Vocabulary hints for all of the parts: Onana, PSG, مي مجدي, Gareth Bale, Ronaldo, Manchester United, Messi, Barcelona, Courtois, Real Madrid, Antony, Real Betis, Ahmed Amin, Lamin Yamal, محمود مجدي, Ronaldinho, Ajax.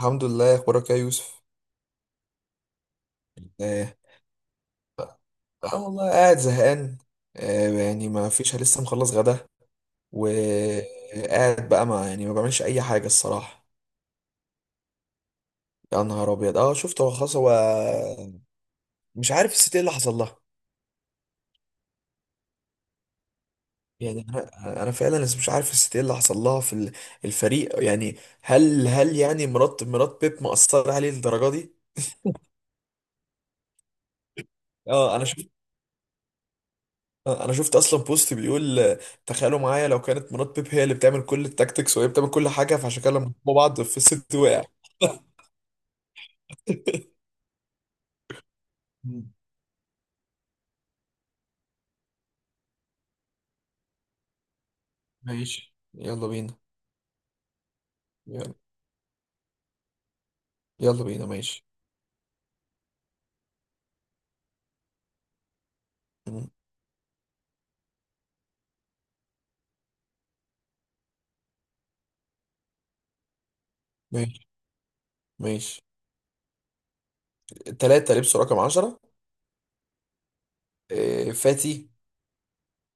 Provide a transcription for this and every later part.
الحمد لله، اخبارك إيه يا يوسف؟ آه, اه والله قاعد زهقان. آه يعني ما فيش لسه مخلص غدا، وقاعد بقى ما يعني ما بعملش اي حاجه الصراحه. يا نهار ابيض، اه شفت. هو خلاص هو مش عارف الست ايه اللي حصل لها. يعني انا فعلا لسه مش عارف الست ايه اللي حصل لها في الفريق يعني. هل يعني مرات بيب مأثره عليه للدرجه دي؟ اه انا شفت. انا شفت اصلا بوست بيقول تخيلوا معايا لو كانت مرات بيب هي اللي بتعمل كل التاكتكس، وهي بتعمل كل حاجه، فعشان كده لما هما بعض في الست وقع. مم. ماشي يلا بينا. يلا. يلا بينا ماشي. مم. ماشي. ماشي، تلاتة لبسوا رقم عشرة. فاتي،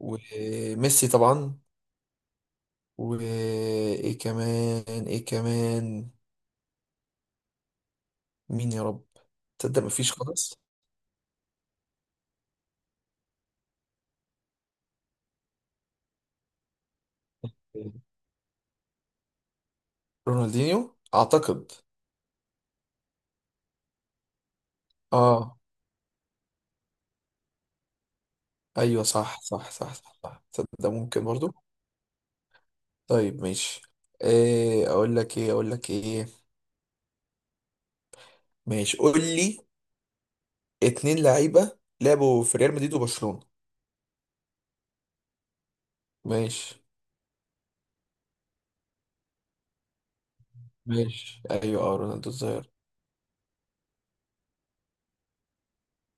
وميسي طبعا، وايه كمان ايه كمان؟ مين يا رب؟ تصدق مفيش خالص. رونالدينيو اعتقد. اه ايوه صح. تصدق ممكن برضو. طيب ماشي. ايه اقول لك، ايه اقول لك ايه؟ ماشي، قول لي. اتنين لعيبه لعبوا في ريال مدريد وبرشلونه. ماشي. ماشي ايوه، اه رونالدو الظاهر.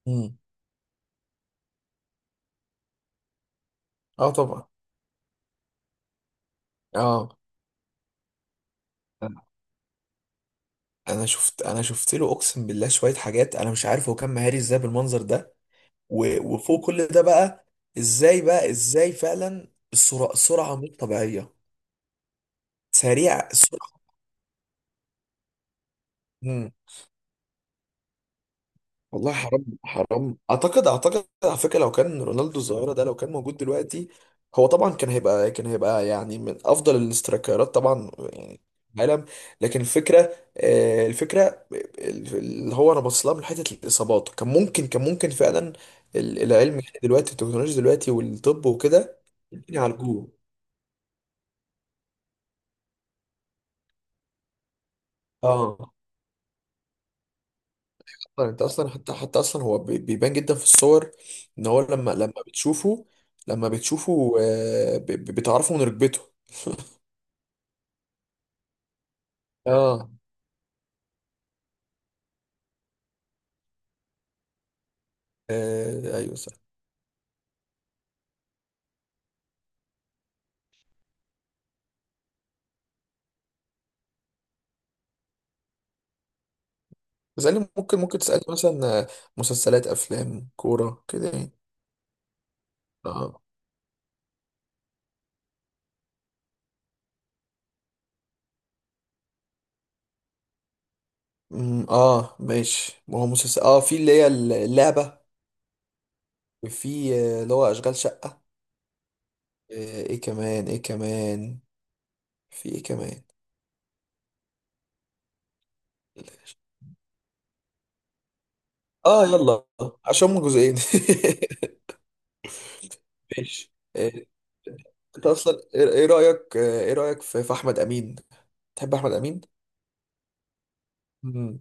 امم. اه طبعا. اه انا شفت له اقسم بالله شويه حاجات، انا مش عارف هو كان مهاري ازاي بالمنظر ده. وفوق كل ده بقى، ازاي بقى، ازاي فعلا السرعه، سرعه مش طبيعيه. سريع، سرعه. والله حرام. حرام. اعتقد على فكره، لو كان رونالدو الظاهره ده لو كان موجود دلوقتي، هو طبعا كان هيبقى يعني من افضل الاسترايكرات طبعا يعني في العالم. لكن الفكره، الفكره اللي هو انا بص لها من حته الاصابات، كان ممكن، كان ممكن فعلا العلم يعني دلوقتي، التكنولوجيا دلوقتي والطب وكده يعالجوه. اه طبعاً انت اصلا حتى اصلا هو بيبان جدا في الصور ان هو لما بتشوفه، لما بتشوفه بتعرفه من ركبته. اه ايوه صح. تسألني ممكن تسألني مثلا مسلسلات، افلام، كورة كده يعني. اه اه ماشي. ما هو مسلسل اه، في اللي هي اللعبة، وفي اللي هو اشغال شقة. ايه كمان، ايه كمان؟ في ايه كمان؟ اه يلا، عشان هما جزئين ماشي انت اصلا ايه، إيه رايك ايه رايك في في احمد امين؟ تحب احمد امين؟ مم.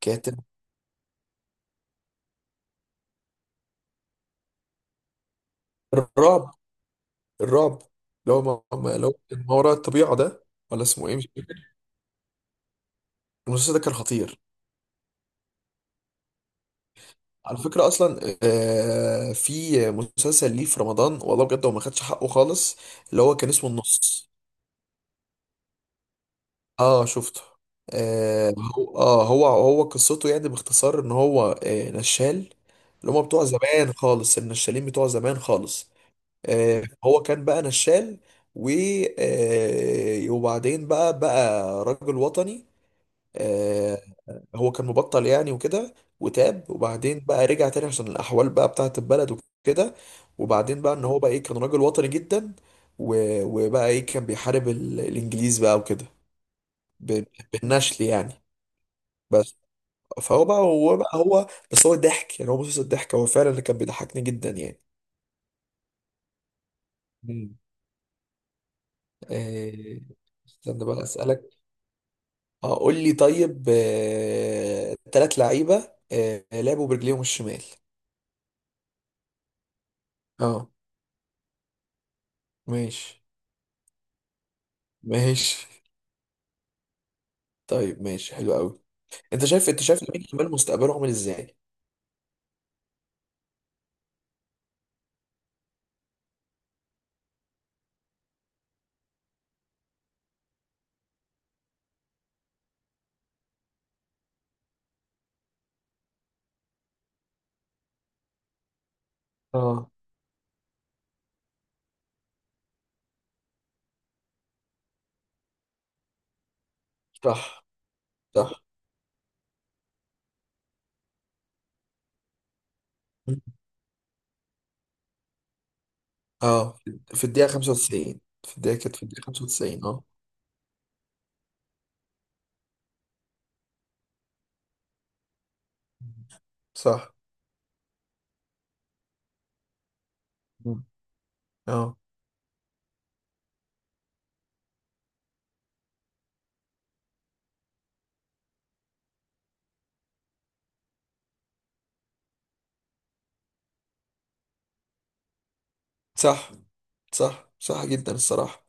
كاتب. الرعب. الرعب. اللي هو اللي هو ما وراء الطبيعه ده، ولا اسمه ايه مش فاكر. المسلسل ده كان خطير. على فكره اصلا في مسلسل ليه في رمضان والله بجد هو ما خدش حقه خالص، اللي هو كان اسمه النص. اه شفته. آه هو هو قصته يعني باختصار ان هو آه نشال، اللي هم بتوع زمان خالص، النشالين بتوع زمان خالص. هو كان بقى نشال، و وبعدين بقى راجل وطني. آه، هو كان مبطل يعني وكده، وتاب، وبعدين بقى رجع تاني عشان الأحوال بقى بتاعة البلد وكده. وبعدين بقى إن هو بقى إيه، كان راجل وطني جدا، وبقى إيه، كان بيحارب الإنجليز بقى وكده. ب- بالنشل يعني، بس. فهو بقى هو بس هو ضحك، يعني هو مسلسل ضحك، هو فعلا اللي كان بيضحكني جدا يعني. مم. آه، استنى بقى أسألك. اه قول لي، طيب تلات لعيبة لعبوا برجليهم الشمال. اه. ماشي. ماشي طيب ماشي حلو قوي. انت شايف لامين يامال مستقبله عامل ازاي؟ اه صح. صح اه في الدقيقة 95. في الدقيقة، كانت في الدقيقة 95 اه. صح مم. اه صح، صح صح جدا الصراحة.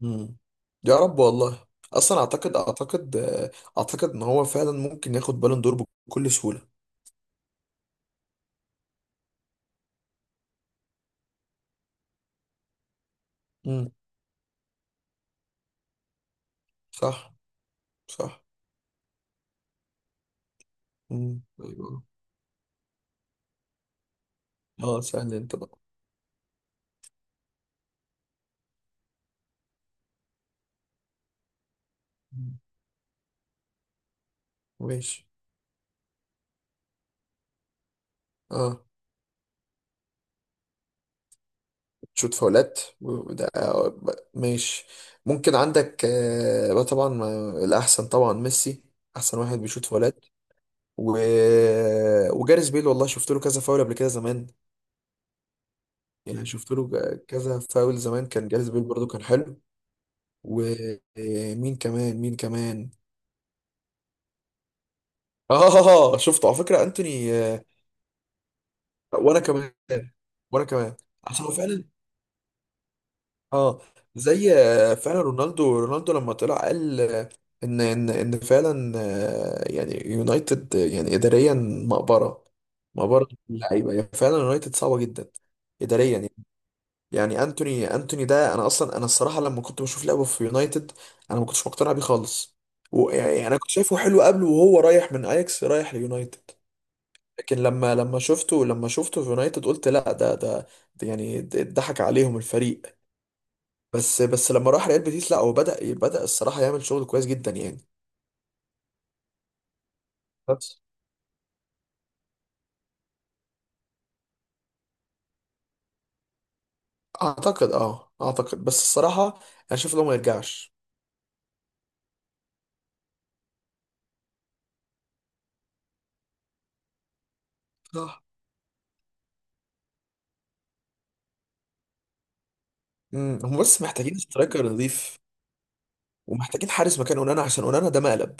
مم. يا رب والله. اصلا اعتقد اعتقد ان هو فعلا ممكن ياخد بالون دور بكل سهولة. مم. صح. صح. مم. ايوه. اه سهل انت بقى. مم. ماشي. اه شوت فاولات، وده ماشي. ممكن عندك آه بقى، طبعا الاحسن طبعا ميسي، احسن واحد بيشوت فاولات. و... وجاريث بيل، والله شفت له كذا فاول قبل كده زمان. يعني شفت له كذا فاول زمان، كان جاريث بيل برضو كان حلو. ومين كمان، مين كمان؟ اه شفته، على فكرة انتوني وانا كمان. وانا كمان، عشان هو فعلا، اه زي فعلا رونالدو. رونالدو لما طلع قال ان ان فعلا يعني يونايتد يعني اداريا مقبره. مقبره اللعيبه يعني، فعلا يونايتد صعبه جدا اداريا يعني. يعني انتوني ده، انا اصلا، انا الصراحه لما كنت بشوف لعبه في يونايتد، انا ما كنتش مقتنع بيه خالص. ويعني انا كنت شايفه حلو قبله، وهو رايح من اياكس رايح ليونايتد. لكن لما شفته، لما شفته في يونايتد قلت لا، ده يعني ضحك عليهم الفريق. بس لما راح ريال بيتيس، لا هو بدأ الصراحة يعمل شغل كويس جدا يعني. بس اعتقد، اه اعتقد بس الصراحة، انا شايف لو ما يرجعش. صح. امم. هم بس محتاجين سترايكر نظيف، ومحتاجين حارس مكان اونانا، عشان اونانا ده مقلب.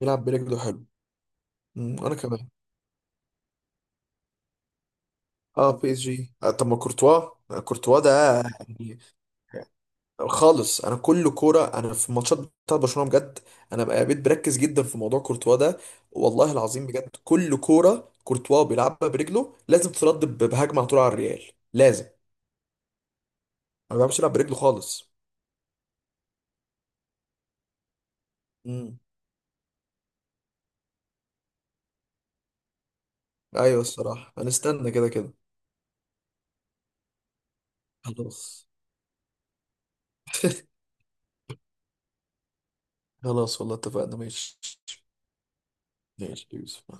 يلعب برجله حلو. انا كمان. اه بي اس جي. آه طب ما كورتوا، آه كورتوا ده يعني. خالص. انا كل كوره، انا في الماتشات بتاعت برشلونه بجد، انا بقى بقيت بركز جدا في موضوع كورتوا ده. والله العظيم بجد، كل كوره كورتوا بيلعبها برجله لازم ترد بهجمه على طول على الريال. لازم. ما بيعرفش يلعب برجله خالص. امم. ايوه الصراحه هنستنى كده كده. خلاص خلاص والله اتفقنا، ماشي. ماشي يا يوسف، مع